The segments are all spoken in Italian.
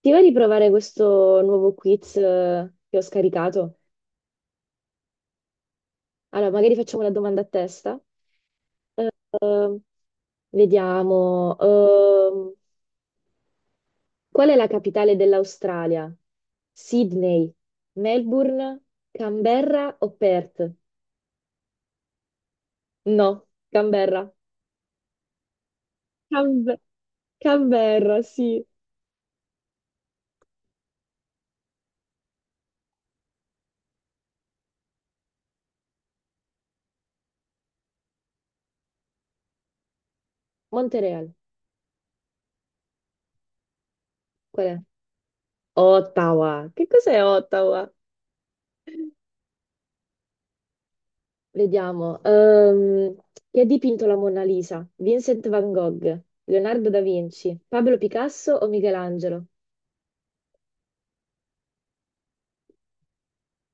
Ti va di provare questo nuovo quiz che ho scaricato? Allora, magari facciamo la domanda a testa. Eh, eh, Vediamo. Qual è la capitale dell'Australia? Sydney, Melbourne, Canberra o Perth? No, Canberra. Canbe- Canberra, sì. Montreal, qual è? Ottawa. Che cos'è Ottawa? Vediamo. Chi ha dipinto la Mona Lisa? Vincent van Gogh, Leonardo da Vinci, Pablo Picasso o Michelangelo?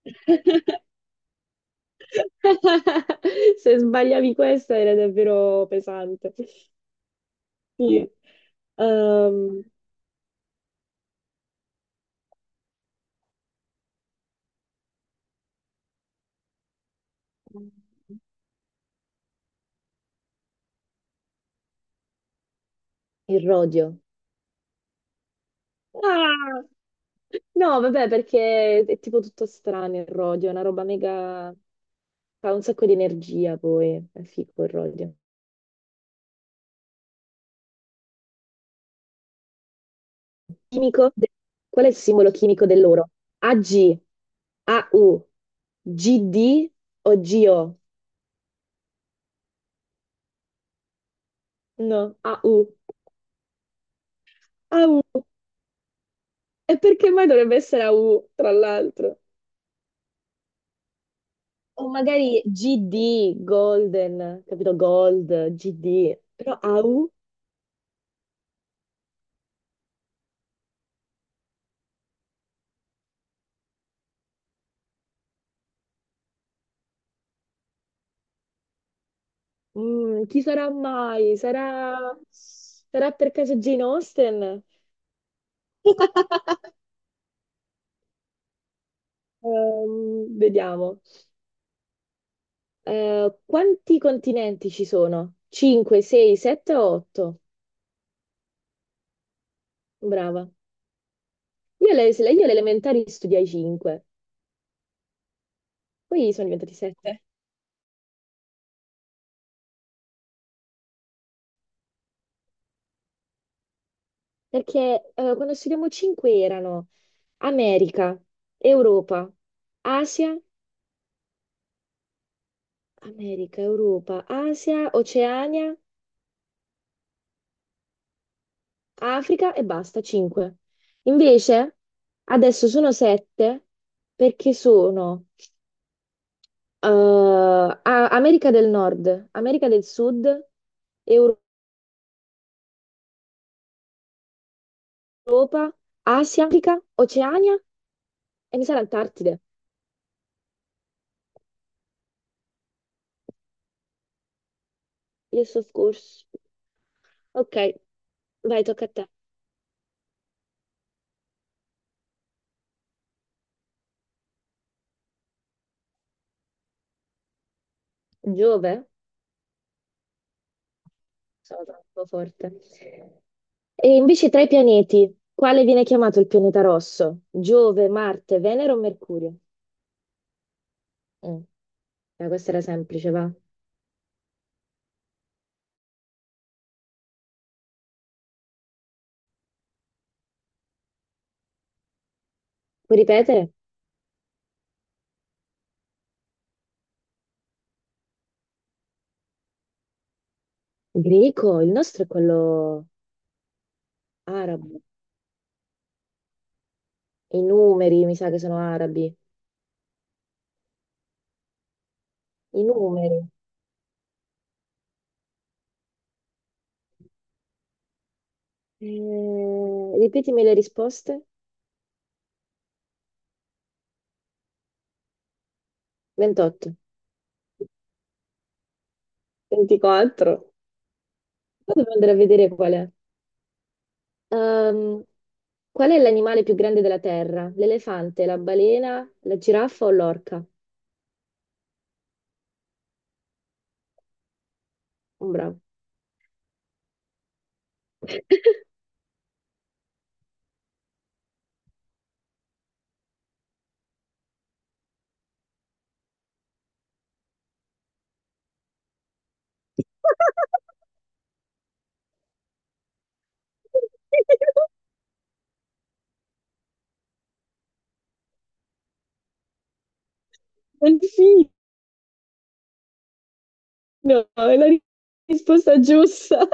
Se sbagliavi questa era davvero pesante. Sì. Ehm, il rodio. Ah! No, vabbè, perché è tipo tutto strano il rodio, è una roba mega. Fa un sacco di energia poi, è figo il rodio. chimico de- Qual è il simbolo chimico dell'oro? AG, AU, GD o GO? No, AU. AU. E perché mai dovrebbe essere AU, tra l'altro? O magari GD, Golden, capito? Gold, GD. Però AU? Chi sarà mai? Sarà per caso Jane Austen? Vediamo. Quanti continenti ci sono? 5, 6, 7 o 8? Brava. Io alle, se- Io alle elementari studiai 5, poi sono diventati 7, perché quando studiamo 5 erano America, Europa, Asia, America, Europa, Asia, Oceania, Africa e basta, 5. Invece adesso sono 7 perché sono eh, America del Nord, America del Sud, Europa, Asia, Africa, Oceania e mi sa l'Antartide. Il soccorso. Ok, vai, tocca a te. Giove? Sono troppo forte. E invece tra i pianeti, quale viene chiamato il pianeta rosso? Giove, Marte, Venere o Mercurio? Mm. Questa era semplice, va. Puoi ripetere? Greco, il nostro è quello arabo. I numeri, mi sa che sono arabi. I numeri. Ripetimi le risposte. 28, 24. Poi devo andare a vedere qual è. Ehm, Qual è l'animale più grande della Terra? L'elefante, la balena, la giraffa o l'orca? Un bravo. Delfino, è la risposta giusta.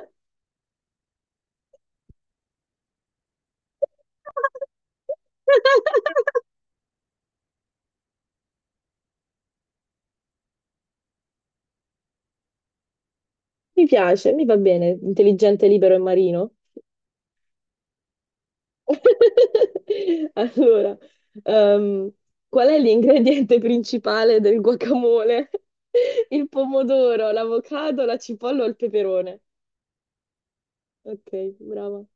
Mi piace, mi va bene, intelligente, libero e marino. Allora, ehm, qual è l'ingrediente principale del guacamole? Il pomodoro, l'avocado, la cipolla o il peperone? Ok, brava.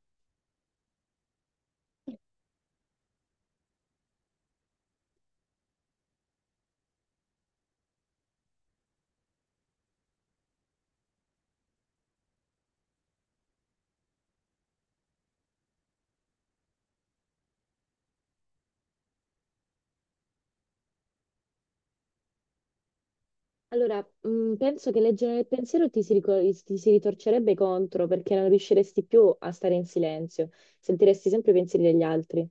Allora, penso che leggere nel pensiero ti si ritorcerebbe contro perché non riusciresti più a stare in silenzio, sentiresti sempre i pensieri degli altri.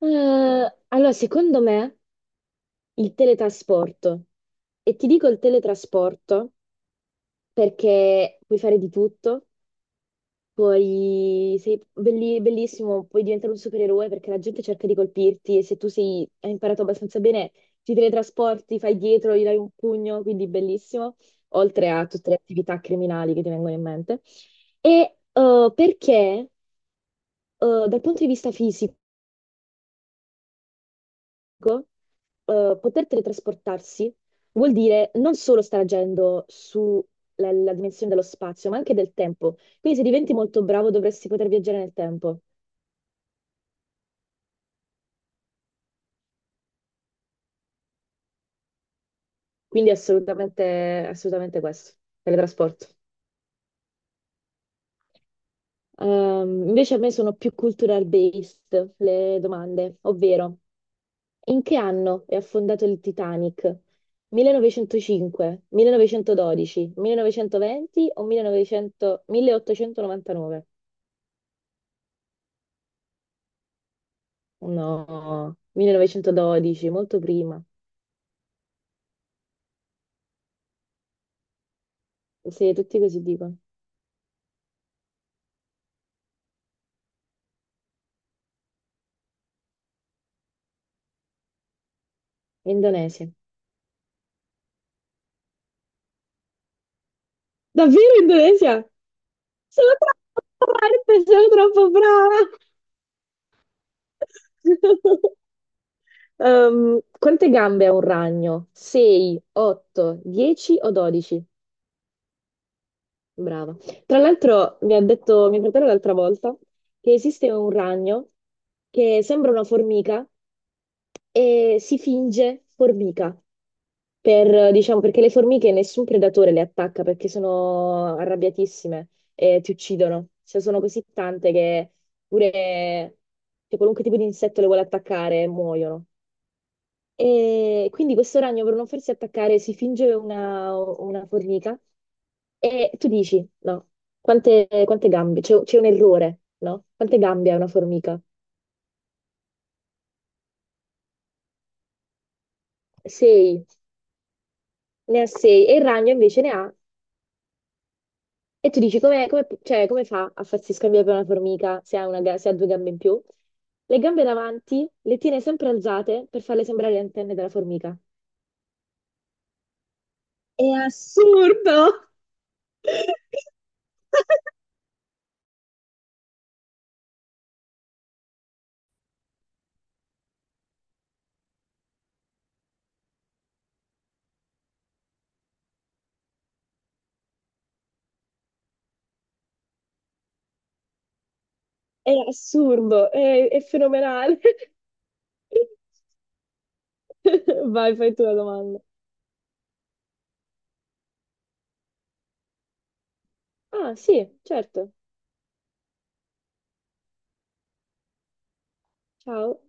Allora, secondo me, il teletrasporto. E ti dico il teletrasporto perché puoi fare di tutto. Poi sei bellissimo, puoi diventare un supereroe perché la gente cerca di colpirti e se hai imparato abbastanza bene, ti teletrasporti, fai dietro, gli dai un pugno, quindi bellissimo, oltre a tutte le attività criminali che ti vengono in mente. E perché dal punto di vista fisico, poter teletrasportarsi vuol dire non solo stare agendo sulla la dimensione dello spazio, ma anche del tempo. Quindi se diventi molto bravo dovresti poter viaggiare nel tempo. Quindi assolutamente, assolutamente questo, teletrasporto. Invece a me sono più cultural based le domande, ovvero in che anno è affondato il Titanic? 1905, 1912, 1920 o 1900 1899? No, 1912, molto prima. Sì, tutti così dicono. Indonesia. Davvero Indonesia? Sono troppo forte, sono troppo brava! Quante gambe ha un ragno? 6, 8, 10 o 12? Brava. Tra l'altro mi ha detto mio fratello l'altra volta che esiste un ragno che sembra una formica e si finge formica per, diciamo, perché le formiche nessun predatore le attacca perché sono arrabbiatissime e ti uccidono. Cioè sono così tante che pure, cioè, qualunque tipo di insetto le vuole attaccare e muoiono. E quindi questo ragno per non farsi attaccare si finge una formica e tu dici, no, quante gambe? C'è un errore, no? Quante gambe ha una formica? Sei, ne ha sei e il ragno invece ne ha. E tu dici, cioè, come fa a farsi scambiare per una formica se ha due gambe in più? Le gambe davanti le tiene sempre alzate per farle sembrare le antenne della formica. È assurdo! È assurdo, è fenomenale. Vai, fai tu la domanda. Ah, sì, certo. Ciao.